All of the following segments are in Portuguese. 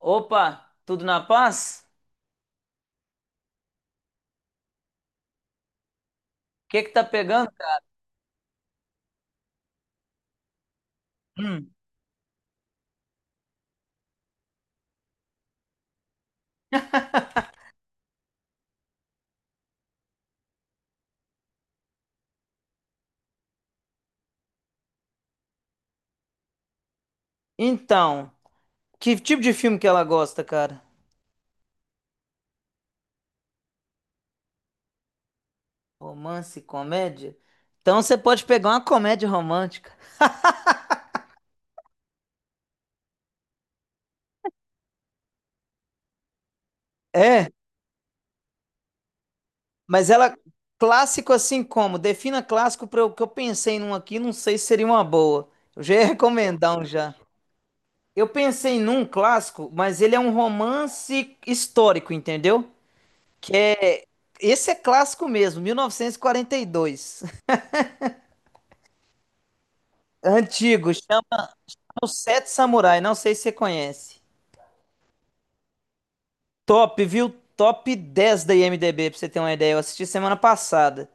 Opa, tudo na paz? O que que tá pegando, cara? Hum. Então, que tipo de filme que ela gosta, cara? Romance, comédia? Então você pode pegar uma comédia romântica. É, mas ela clássico assim como? Defina clássico para o que eu pensei num aqui, não sei se seria uma boa. Eu já ia recomendar um já. Eu pensei num clássico, mas ele é um romance histórico, entendeu? Que é, esse é clássico mesmo, 1942. Antigo. Os Sete Samurai, não sei se você conhece. Top, viu? Top 10 da IMDb, pra você ter uma ideia. Eu assisti semana passada.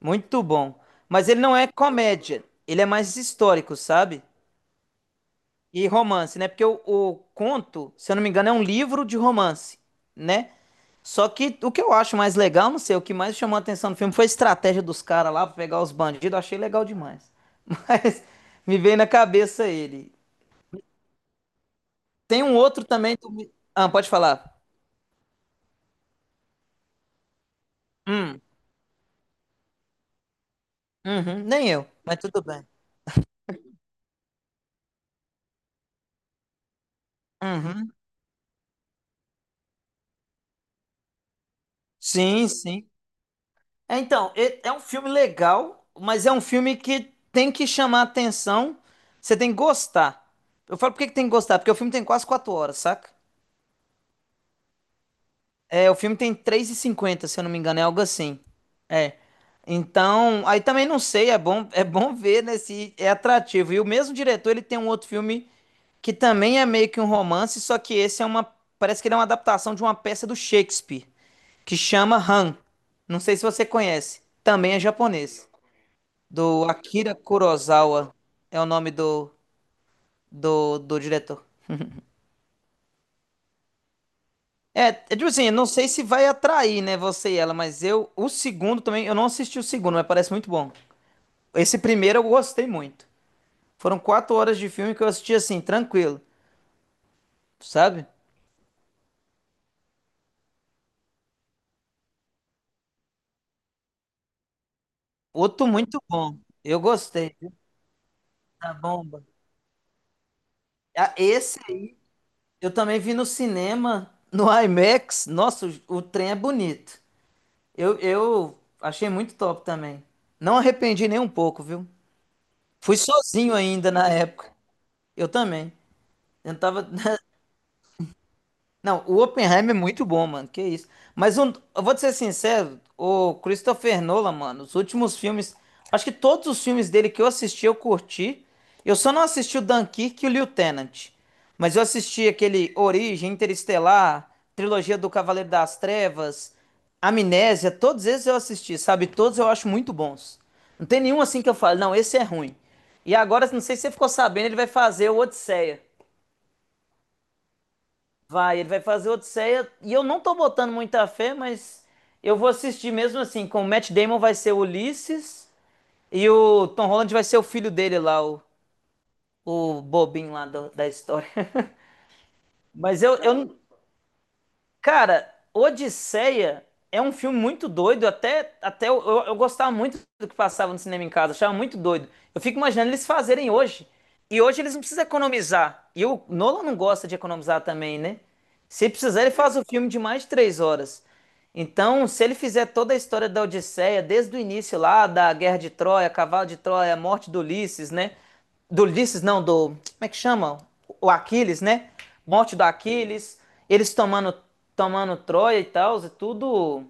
Muito bom. Mas ele não é comédia. Ele é mais histórico, sabe? E romance, né? Porque o conto, se eu não me engano, é um livro de romance, né? Só que o que eu acho mais legal, não sei, o que mais chamou a atenção no filme foi a estratégia dos caras lá pra pegar os bandidos. Eu achei legal demais. Mas me veio na cabeça ele. Tem um outro também do. Ah, pode falar. Hum. Uhum, nem eu, mas tudo bem. Uhum, sim, sim. É, então, é um filme legal, mas é um filme que tem que chamar atenção. Você tem que gostar. Eu falo por que que tem que gostar? Porque o filme tem quase 4 horas, saca? É, o filme tem três e cinquenta se eu não me engano, é algo assim. É. Então, aí também não sei, é bom ver, né, se é atrativo. E o mesmo diretor, ele tem um outro filme que também é meio que um romance, só que esse é uma, parece que ele é uma adaptação de uma peça do Shakespeare. Que chama Han. Não sei se você conhece. Também é japonês. Do Akira Kurosawa é o nome do diretor. É, é tipo assim, eu não sei se vai atrair, né, você e ela, mas eu, o segundo também, eu não assisti o segundo, mas parece muito bom. Esse primeiro eu gostei muito. Foram 4 horas de filme que eu assisti assim, tranquilo, sabe? Outro muito bom. Eu gostei, viu? Da bomba. Ah, esse aí, eu também vi no cinema, no IMAX. Nossa, o trem é bonito. Eu achei muito top também. Não arrependi nem um pouco, viu? Fui sozinho ainda na época. Eu também. Eu não tava. Não, o Oppenheimer é muito bom, mano. Que isso. Mas eu vou te ser sincero, o Christopher Nolan, mano, os últimos filmes. Acho que todos os filmes dele que eu assisti, eu curti. Eu só não assisti o Dunkirk e o Lieutenant. Mas eu assisti aquele Origem, Interestelar, Trilogia do Cavaleiro das Trevas, Amnésia, todos esses eu assisti, sabe? Todos eu acho muito bons. Não tem nenhum assim que eu falo, não, esse é ruim. E agora, não sei se você ficou sabendo, ele vai fazer o Odisseia. Vai, ele vai fazer Odisseia e eu não tô botando muita fé, mas eu vou assistir mesmo assim, com o Matt Damon vai ser o Ulisses e o Tom Holland vai ser o filho dele lá, o bobinho lá do- da história. Mas eu, não- cara, Odisseia é um filme muito doido, até eu gostava muito do que passava no cinema em casa, achava muito doido. Eu fico imaginando eles fazerem hoje. E hoje eles não precisam economizar. E o Nolan não gosta de economizar também, né? Se precisar, ele faz o filme de mais de 3 horas. Então, se ele fizer toda a história da Odisseia, desde o início lá, da Guerra de Troia, Cavalo de Troia, a morte do Ulisses, né? Do Ulisses, não, do. Como é que chama? O Aquiles, né? Morte do Aquiles, eles tomando, tomando Troia e tal, é tudo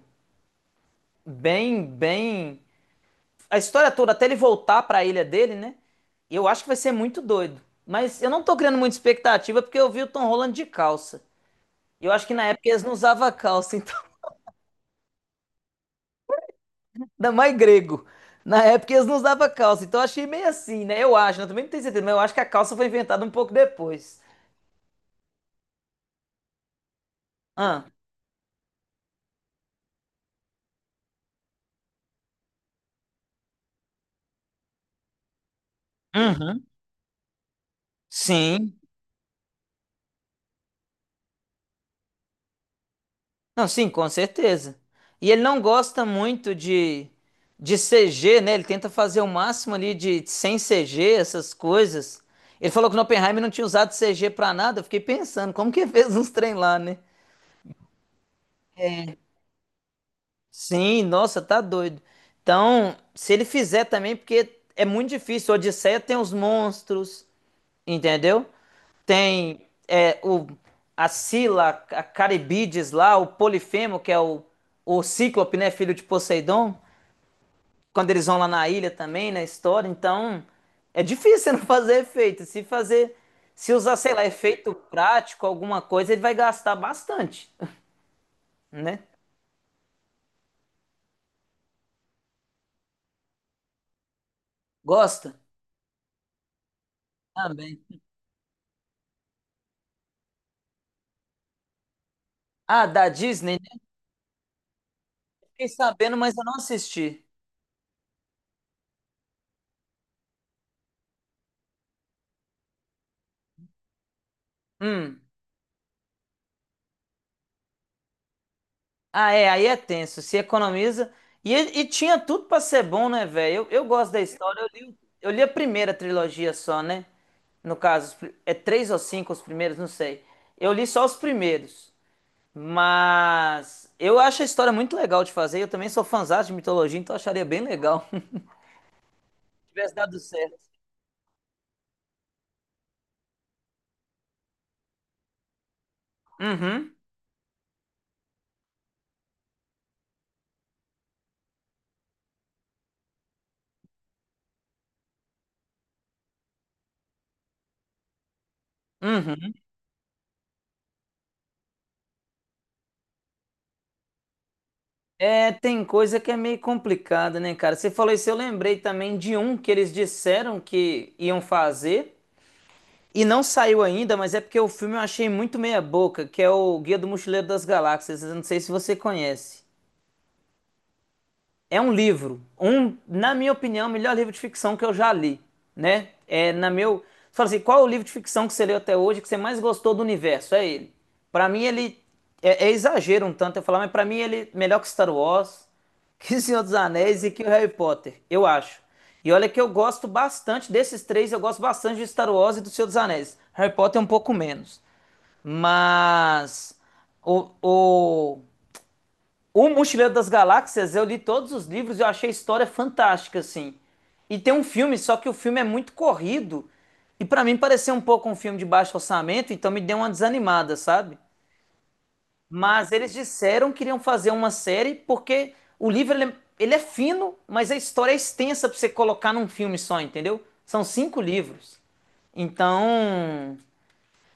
bem, bem a história toda, até ele voltar pra ilha dele, né? Eu acho que vai ser muito doido. Mas eu não tô criando muita expectativa porque eu vi o Tom Holland de calça. Eu acho que na época eles não usavam calça, então. Ainda mais grego. Na época eles não usavam calça, então eu achei meio assim, né? Eu acho, né? Eu também não tenho certeza, mas eu acho que a calça foi inventada um pouco depois. Ah. Uhum. Sim. Não, sim, com certeza. E ele não gosta muito de CG, né? Ele tenta fazer o máximo ali de sem CG, essas coisas. Ele falou que o Oppenheimer não tinha usado CG pra nada. Eu fiquei pensando, como que ele fez uns trem lá, né? Sim, nossa, tá doido. Então, se ele fizer também, porque é muito difícil. Odisseia tem os monstros, entendeu? Tem é, o, a Scylla, a Caribides lá, o Polifemo, que é o Cíclope, né, filho de Poseidon. Quando eles vão lá na ilha também, na história. Então, é difícil você não fazer efeito. Se fazer, se usar, sei lá, efeito prático, alguma coisa, ele vai gastar bastante, né? Gosta? Também. Ah, da Disney, né? Fiquei sabendo, mas eu não assisti. Hum. Ah, é, aí é tenso, se economiza. E tinha tudo pra ser bom, né, velho? Eu gosto da história, eu li a primeira trilogia só, né? No caso, é três ou cinco os primeiros, não sei. Eu li só os primeiros. Mas eu acho a história muito legal de fazer. Eu também sou fãzão de mitologia, então eu acharia bem legal. Se tivesse dado certo. Uhum, uhum. É, tem coisa que é meio complicada, né, cara? Você falou isso, eu lembrei também de um que eles disseram que iam fazer e não saiu ainda, mas é porque o filme eu achei muito meia boca, que é o Guia do Mochileiro das Galáxias. Eu não sei se você conhece. É um livro, um, na minha opinião, o melhor livro de ficção que eu já li, né? É na meu, você fala assim, qual é o livro de ficção que você leu até hoje que você mais gostou do universo? É ele. Pra mim ele é exagero um tanto eu falar, mas pra mim ele é melhor que Star Wars, que O Senhor dos Anéis e que o Harry Potter, eu acho. E olha que eu gosto bastante desses três, eu gosto bastante de Star Wars e do Senhor dos Anéis. Harry Potter é um pouco menos, mas o, o o Mochileiro das Galáxias, eu li todos os livros e eu achei a história fantástica, assim. E tem um filme, só que o filme é muito corrido. E pra mim pareceu um pouco um filme de baixo orçamento, então me deu uma desanimada, sabe? Mas eles disseram que iriam fazer uma série porque o livro ele é fino, mas a história é extensa pra você colocar num filme só, entendeu? São cinco livros. Então,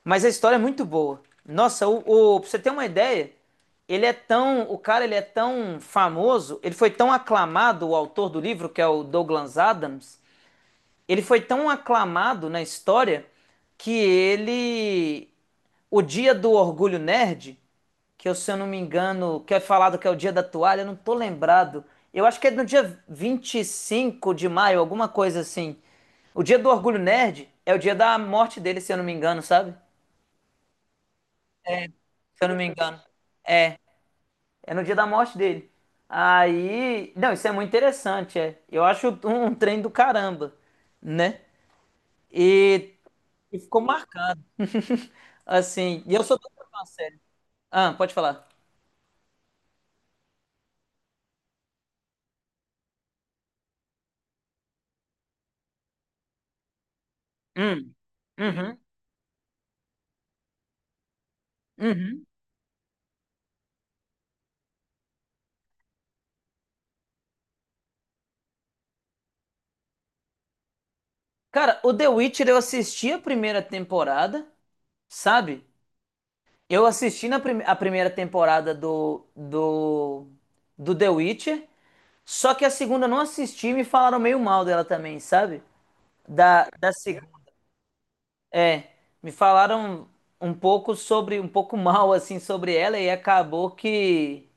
mas a história é muito boa. Nossa, pra você ter uma ideia, ele é tão, o cara ele é tão famoso, ele foi tão aclamado, o autor do livro, que é o Douglas Adams, ele foi tão aclamado na história que ele, o dia do orgulho nerd, que eu, se eu não me engano, que é falado que é o dia da toalha, eu não tô lembrado. Eu acho que é no dia 25 de maio, alguma coisa assim. O dia do orgulho nerd é o dia da morte dele, se eu não me engano, sabe? Se eu não me engano. É no dia da morte dele. Aí. Não, isso é muito interessante, é. Eu acho um trem do caramba, né? E, e ficou marcado. Assim. E eu sou doido pra ver uma série. Ah, pode falar. Hum. Uhum. Uhum. Cara, o The Witcher eu assisti a primeira temporada, sabe? Eu assisti a primeira temporada do The Witcher, só que a segunda eu não assisti e me falaram meio mal dela também, sabe? da, da ci- é, me falaram um pouco sobre, um pouco mal assim sobre ela e acabou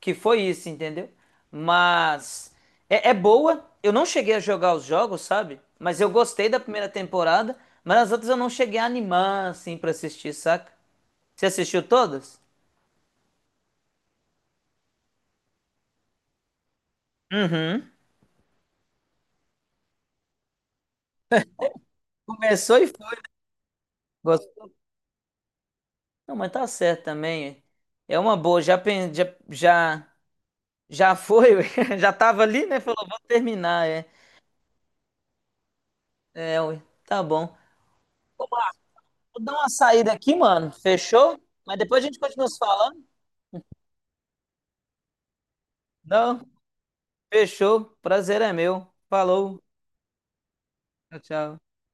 que foi isso, entendeu? Mas é boa. Eu não cheguei a jogar os jogos, sabe? Mas eu gostei da primeira temporada, mas as outras eu não cheguei a animar assim pra assistir, saca? Você assistiu todas? Uhum. Começou e foi. Gostou? Não, mas tá certo também. É uma boa. Já já, já foi, ué. Já tava ali, né? Falou, vou terminar, é. É, ui, tá bom. Pô, mano, vou dar uma saída aqui, mano. Fechou? Mas depois a gente continua se falando. Não, fechou. Prazer é meu. Falou. Tchau, tchau.